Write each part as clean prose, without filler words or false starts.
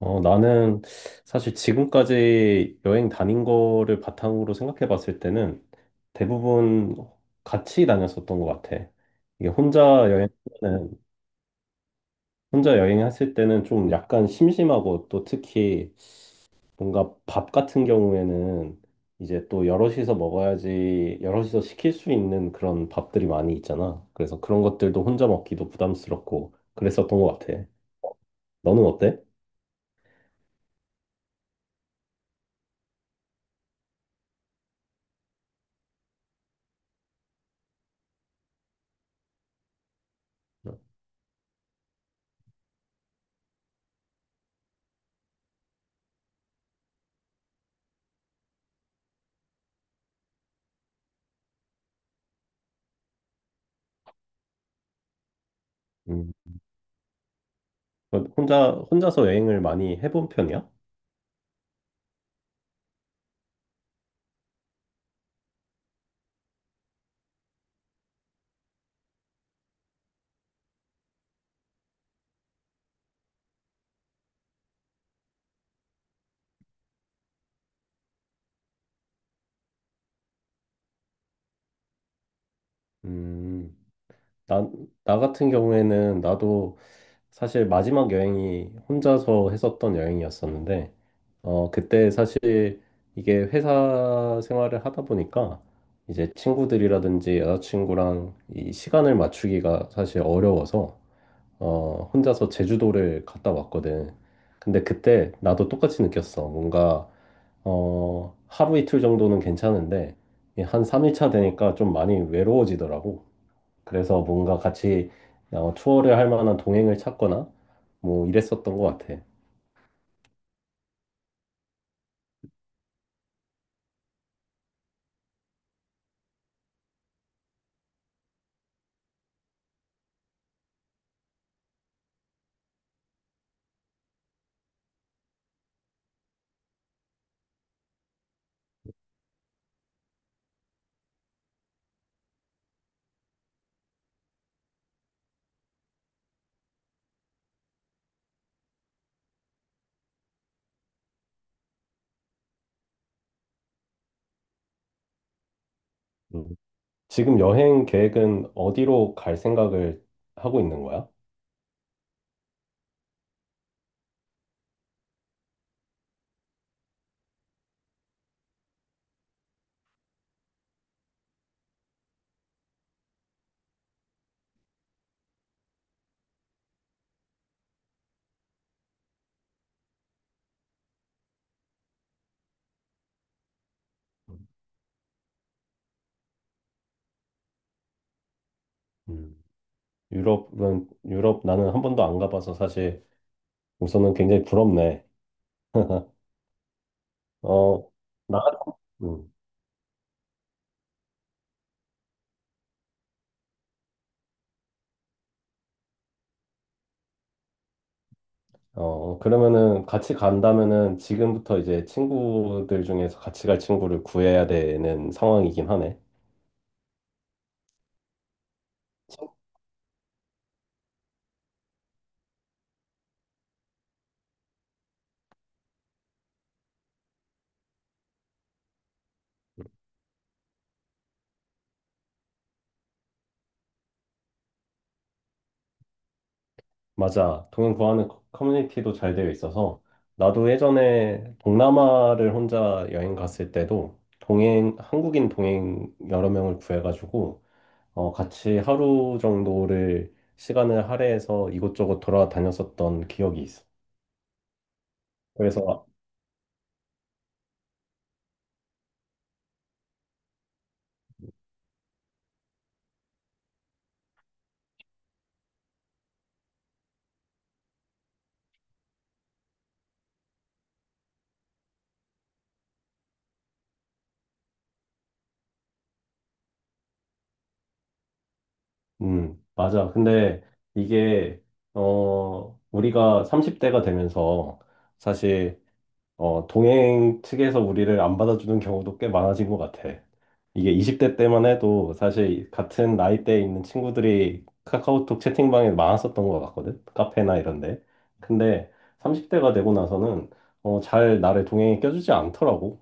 나는 사실 지금까지 여행 다닌 거를 바탕으로 생각해 봤을 때는 대부분 같이 다녔었던 것 같아. 이게 혼자 여행은, 혼자 여행했을 때는 좀 약간 심심하고 또 특히 뭔가 밥 같은 경우에는 이제 또 여럿이서 먹어야지, 여럿이서 시킬 수 있는 그런 밥들이 많이 있잖아. 그래서 그런 것들도 혼자 먹기도 부담스럽고 그랬었던 것 같아. 너는 어때? 음. 혼자서 여행을 많이 해본 편이야? 음, 나, 나 같은 경우에는 나도 사실 마지막 여행이 혼자서 했었던 여행이었었는데, 그때 사실 이게 회사 생활을 하다 보니까 이제 친구들이라든지 여자친구랑 이 시간을 맞추기가 사실 어려워서 혼자서 제주도를 갔다 왔거든. 근데 그때 나도 똑같이 느꼈어. 뭔가, 하루 이틀 정도는 괜찮은데, 이한 3일차 되니까 좀 많이 외로워지더라고. 그래서 뭔가 같이 투어를 할 만한 동행을 찾거나, 뭐 이랬었던 것 같아. 음. 지금 여행 계획은 어디로 갈 생각을 하고 있는 거야? 음. 유럽 나는 한 번도 안 가봐서 사실 우선은 굉장히 부럽네. 어, 나, 음, 그러면은 같이 간다면은 지금부터 이제 친구들 중에서 같이 갈 친구를 구해야 되는 상황이긴 하네. 맞아. 동행 구하는 커뮤니티도 잘 되어 있어서 나도 예전에 동남아를 혼자 여행 갔을 때도 동행 한국인 동행 여러 명을 구해가지고 같이 하루 정도를 시간을 할애해서 이곳저곳 돌아다녔었던 기억이 있어. 그래서 맞아. 근데 이게, 우리가 30대가 되면서 사실, 동행 측에서 우리를 안 받아주는 경우도 꽤 많아진 것 같아. 이게 20대 때만 해도 사실 같은 나이대에 있는 친구들이 카카오톡 채팅방에 많았었던 것 같거든. 카페나 이런데. 근데 30대가 되고 나서는, 잘 나를 동행에 껴주지 않더라고.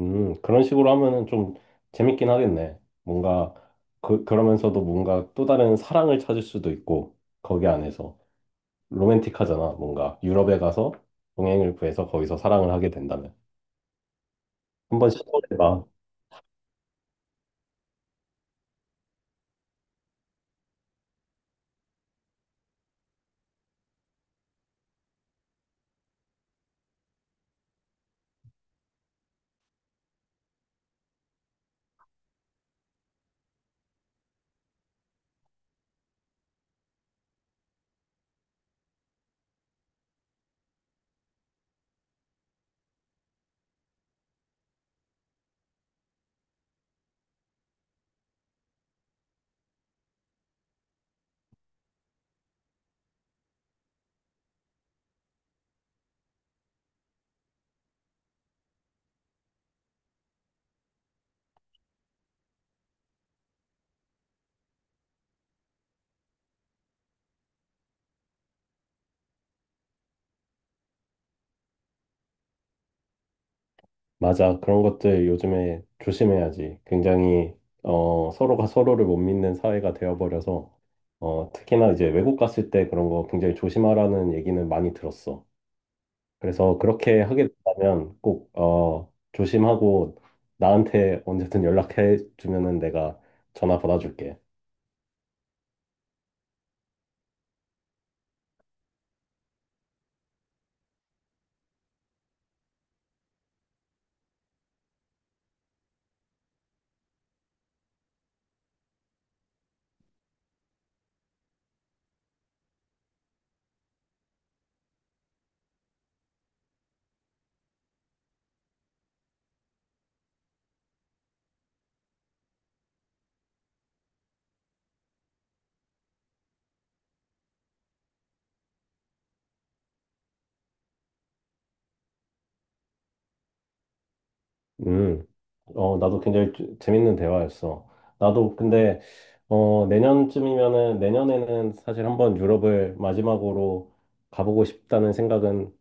그런 식으로 하면은 좀 재밌긴 하겠네. 뭔가, 그러면서도 뭔가 또 다른 사랑을 찾을 수도 있고, 거기 안에서. 로맨틱하잖아, 뭔가. 유럽에 가서 동행을 구해서 거기서 사랑을 하게 된다면. 한번 시도해봐. 맞아. 그런 것들 요즘에 조심해야지. 굉장히, 서로가 서로를 못 믿는 사회가 되어버려서, 특히나 이제 외국 갔을 때 그런 거 굉장히 조심하라는 얘기는 많이 들었어. 그래서 그렇게 하게 된다면 꼭 조심하고 나한테 언제든 연락해 주면은 내가 전화 받아줄게. 음, 나도 굉장히 재밌는 대화였어. 나도 근데 내년쯤이면은 내년에는 사실 한번 유럽을 마지막으로 가보고 싶다는 생각은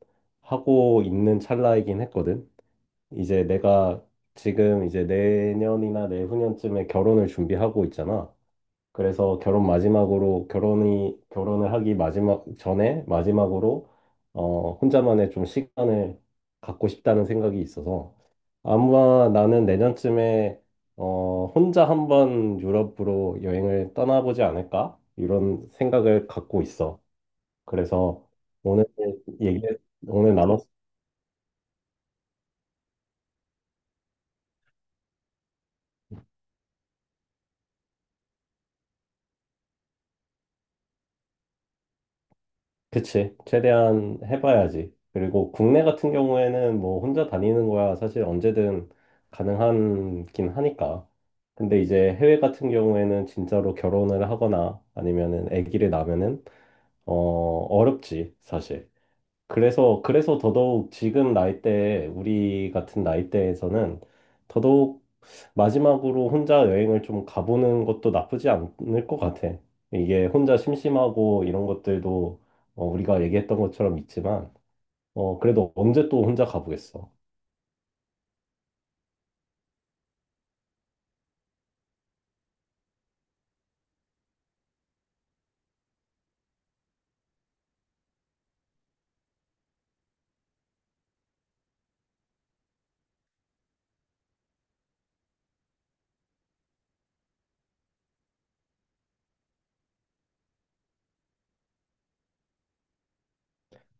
하고 있는 찰나이긴 했거든. 이제 내가 지금 이제 내년이나 내후년쯤에 결혼을 준비하고 있잖아. 그래서 결혼 마지막으로 결혼이 결혼을 하기 마지막 전에 마지막으로 혼자만의 좀 시간을 갖고 싶다는 생각이 있어서 아마 나는 내년쯤에 혼자 한번 유럽으로 여행을 떠나보지 않을까 이런 생각을 갖고 있어. 그래서 오늘 얘기 오늘 나눴. 그치. 최대한 해봐야지. 그리고 국내 같은 경우에는 뭐 혼자 다니는 거야 사실 언제든 가능하긴 하니까. 근데 이제 해외 같은 경우에는 진짜로 결혼을 하거나 아니면은 아기를 낳으면은 어렵지, 사실. 그래서 더더욱 지금 나이대에, 우리 같은 나이대에서는 더더욱 마지막으로 혼자 여행을 좀 가보는 것도 나쁘지 않을 것 같아. 이게 혼자 심심하고 이런 것들도 우리가 얘기했던 것처럼 있지만, 그래도 언제 또 혼자 가보겠어.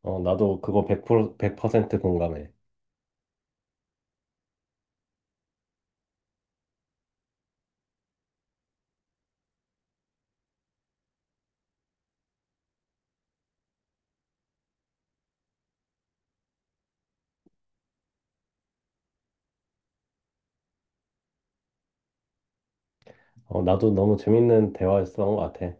나도 그거 100%, 100% 공감해. 나도 너무 재밌는 대화였던 것 같아.